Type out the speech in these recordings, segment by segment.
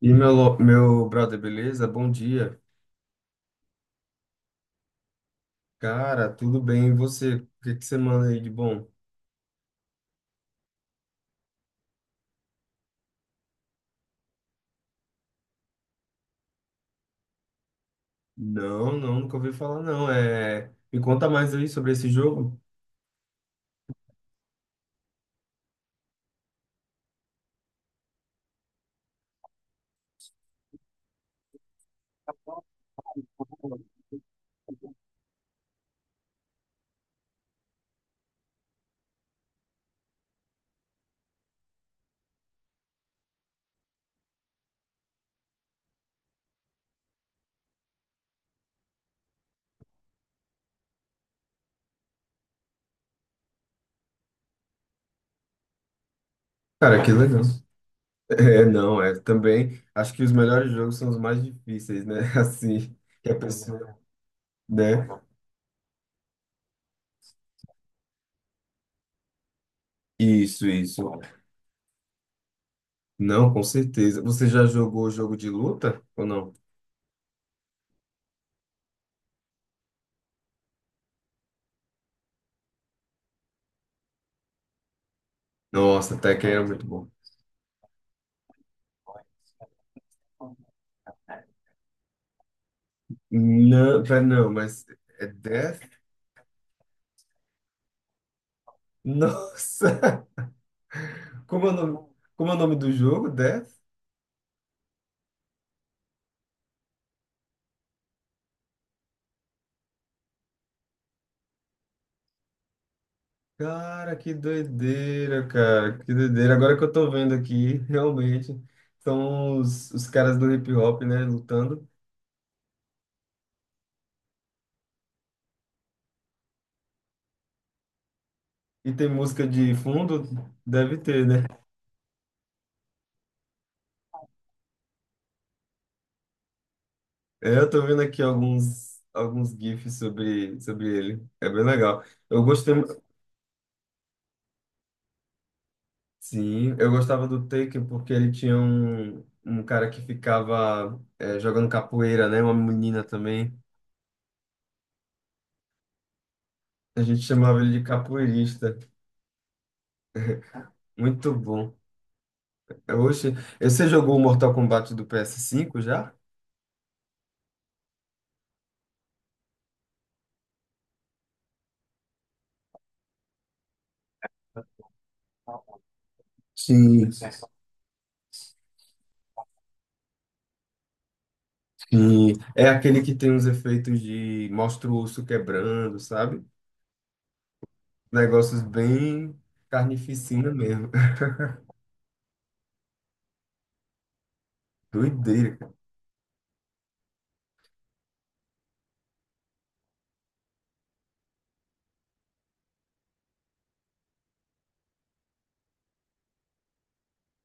E meu, meu brother, beleza? Bom dia. Cara, tudo bem? E você? O que que você manda aí de bom? Não, não, nunca ouvi falar, não. Me conta mais aí sobre esse jogo. Cara, que legal. É, não, é também. Acho que os melhores jogos são os mais difíceis, né? Assim, que a pessoa, né? Isso, isso. Não, com certeza. Você já jogou jogo de luta ou não? Nossa, Tekken era muito bom. Não, pera, não, mas é Death? Nossa! Como é o nome, como é o nome do jogo? Death? Cara, que doideira, cara. Que doideira. Agora que eu tô vendo aqui, realmente, são os caras do hip hop, né, lutando. E tem música de fundo? Deve ter, né? É, eu tô vendo aqui alguns, alguns GIFs sobre, sobre ele. É bem legal. Eu gostei. Sim, eu gostava do Taken porque ele tinha um, um cara que ficava jogando capoeira, né? Uma menina também. A gente chamava ele de capoeirista. Muito bom. Oxe, você jogou o Mortal Kombat do ps cinco já? Sim, sim. É aquele que tem uns efeitos de mostra o osso quebrando, sabe? Negócios bem carnificina mesmo. Doideira, cara.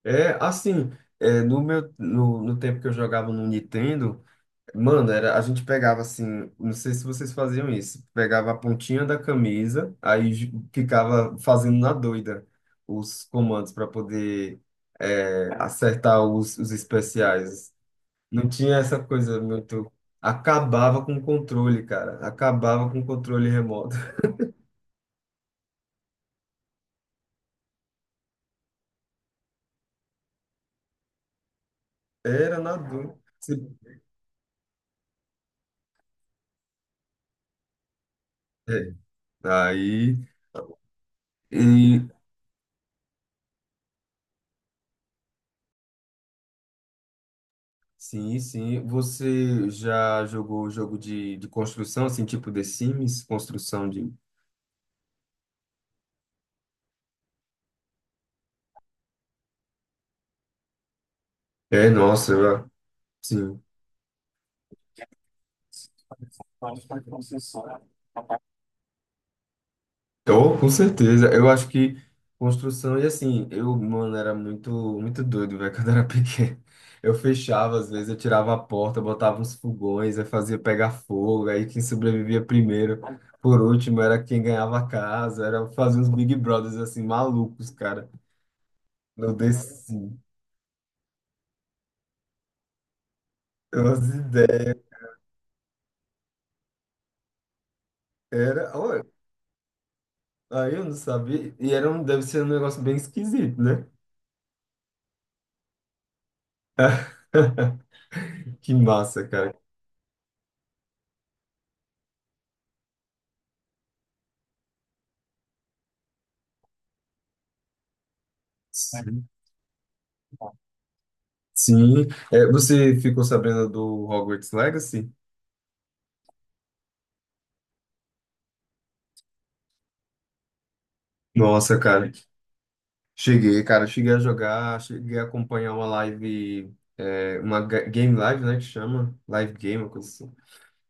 É assim, é, no meu no, no tempo que eu jogava no Nintendo. Mano, era, a gente pegava assim, não sei se vocês faziam isso, pegava a pontinha da camisa, ficava fazendo na doida os comandos para poder acertar os especiais. Não tinha essa coisa muito. Acabava com o controle, cara. Acabava com o controle remoto. Era na doida. Se- é, Aí, e Sim, sim. Você já jogou jogo de construção, assim, tipo The Sims, construção de É, nossa, eu, sim. Oh, com certeza. Eu acho que construção, e assim, eu, mano, era muito, muito doido, velho, quando eu era pequeno. Eu fechava, às vezes, eu tirava a porta, botava uns fogões, aí fazia pegar fogo, aí quem sobrevivia primeiro, por último, era quem ganhava a casa, era fazer uns Big Brothers, assim, malucos, cara. Eu desci. Umas ideias. Era, olha, aí eu não sabia, e era um, deve ser um negócio bem esquisito, né? Que massa, cara. Sim. Sim. É, você ficou sabendo do Hogwarts Legacy? Nossa, cara. Cheguei, cara. Cheguei a jogar, cheguei a acompanhar uma live, uma game live, né, que chama? Live game, uma coisa assim.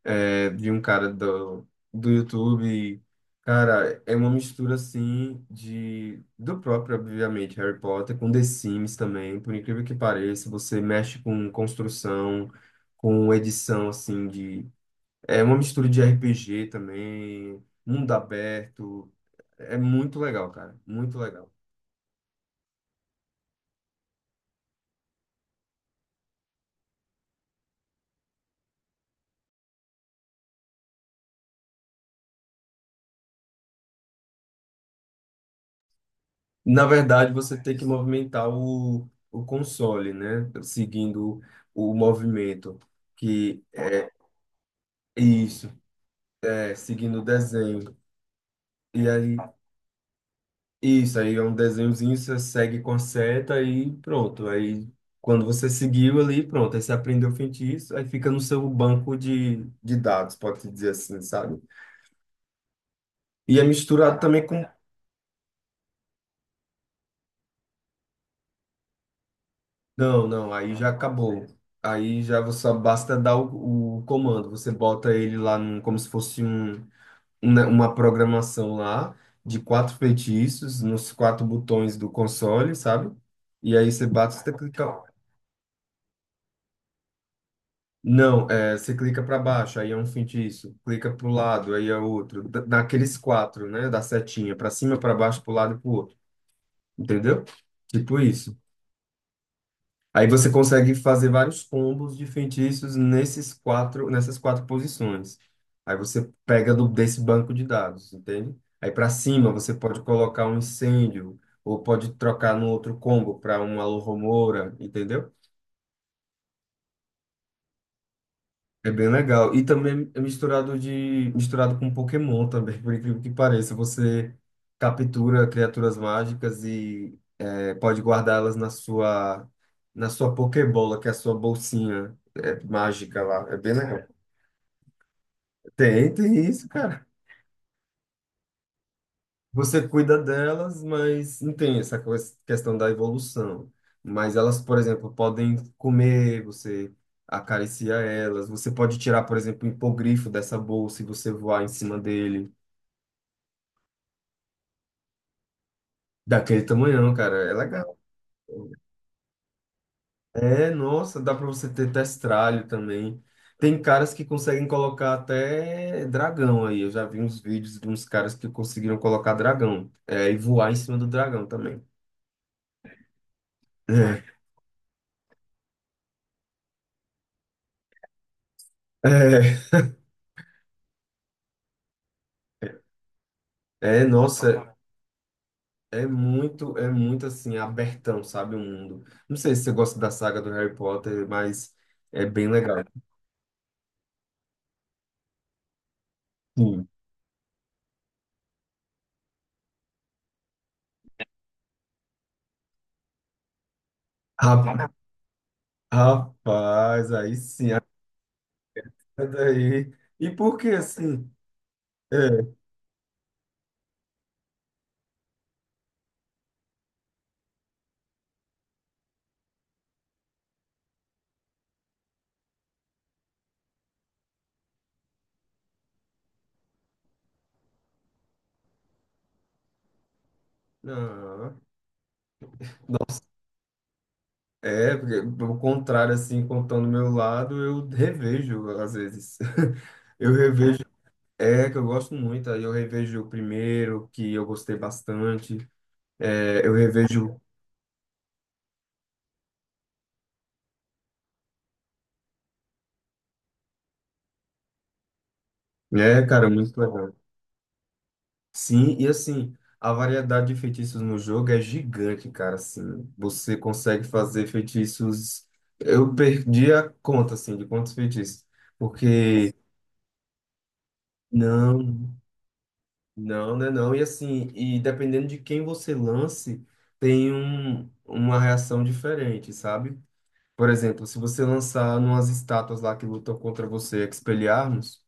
De um cara do, do YouTube. Cara, é uma mistura assim de do próprio, obviamente, Harry Potter com The Sims também, por incrível que pareça, você mexe com construção, com edição assim de é uma mistura de RPG também, mundo aberto, é muito legal, cara, muito legal. Na verdade, você tem que movimentar o console, né? Seguindo o movimento que é isso. É, seguindo o desenho. E aí, isso, aí é um desenhozinho, você segue com a seta e pronto. Aí, quando você seguiu ali, pronto, aí você aprendeu o feitiço, aí fica no seu banco de dados, pode-se dizer assim, sabe? E é misturado também com... Não, não, aí já acabou. Aí já você só basta dar o comando, você bota ele lá como se fosse um, uma programação lá de quatro feitiços nos quatro botões do console, sabe? E aí você bate, você clica, não, é, você clica para baixo, aí é um feitiço. Clica para o lado, aí é outro. Daqueles quatro, né? Da setinha, para cima, para baixo, para o lado e para o outro. Entendeu? Tipo isso. Aí você consegue fazer vários combos de feitiços nesses quatro, nessas quatro posições. Aí você pega desse banco de dados, entende? Aí para cima você pode colocar um incêndio, ou pode trocar no outro combo para uma locomotora, entendeu? É bem legal. E também é misturado de misturado com Pokémon também, por incrível que pareça. Você captura criaturas mágicas pode guardá-las na sua Pokébola, que é a sua bolsinha mágica lá. É bem legal. Tem, tem isso, cara. Você cuida delas, mas não tem essa questão da evolução. Mas elas, por exemplo, podem comer, você acaricia elas. Você pode tirar, por exemplo, o hipogrifo dessa bolsa e você voar em cima dele. Daquele tamanhão, cara, é legal. É, nossa, dá pra você ter testralho também. Tem caras que conseguem colocar até dragão aí. Eu já vi uns vídeos de uns caras que conseguiram colocar dragão, e voar em cima do dragão também. É, é, é, nossa, é muito assim, abertão, sabe, o mundo. Não sei se você gosta da saga do Harry Potter, mas é bem legal. Sim. Ra- Rapaz, aí sim, aí. E por que assim? É, não nossa, é, porque, pelo contrário, assim, contando o meu lado, eu revejo, às vezes. Eu revejo, que eu gosto muito, aí eu revejo o primeiro, que eu gostei bastante, é, eu revejo, cara, muito legal. Sim, e assim, a variedade de feitiços no jogo é gigante, cara, assim, você consegue fazer feitiços, eu perdi a conta, assim, de quantos feitiços, porque... Não. Não, né, não. E assim, e dependendo de quem você lance, tem um, uma reação diferente, sabe? Por exemplo, se você lançar umas estátuas lá que lutam contra você, Expelliarmus,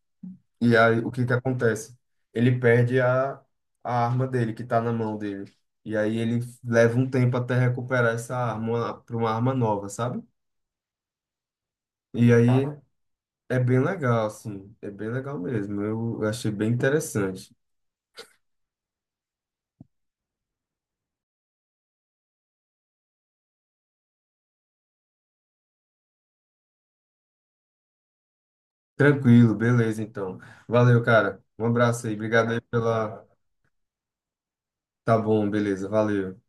e aí o que que acontece? Ele perde a arma dele, que tá na mão dele. E aí ele leva um tempo até recuperar essa arma para uma arma nova, sabe? E aí é bem legal, assim, é bem legal mesmo. Eu achei bem interessante. Tranquilo, beleza, então. Valeu, cara. Um abraço aí. Obrigado aí pela. Tá bom, beleza. Valeu.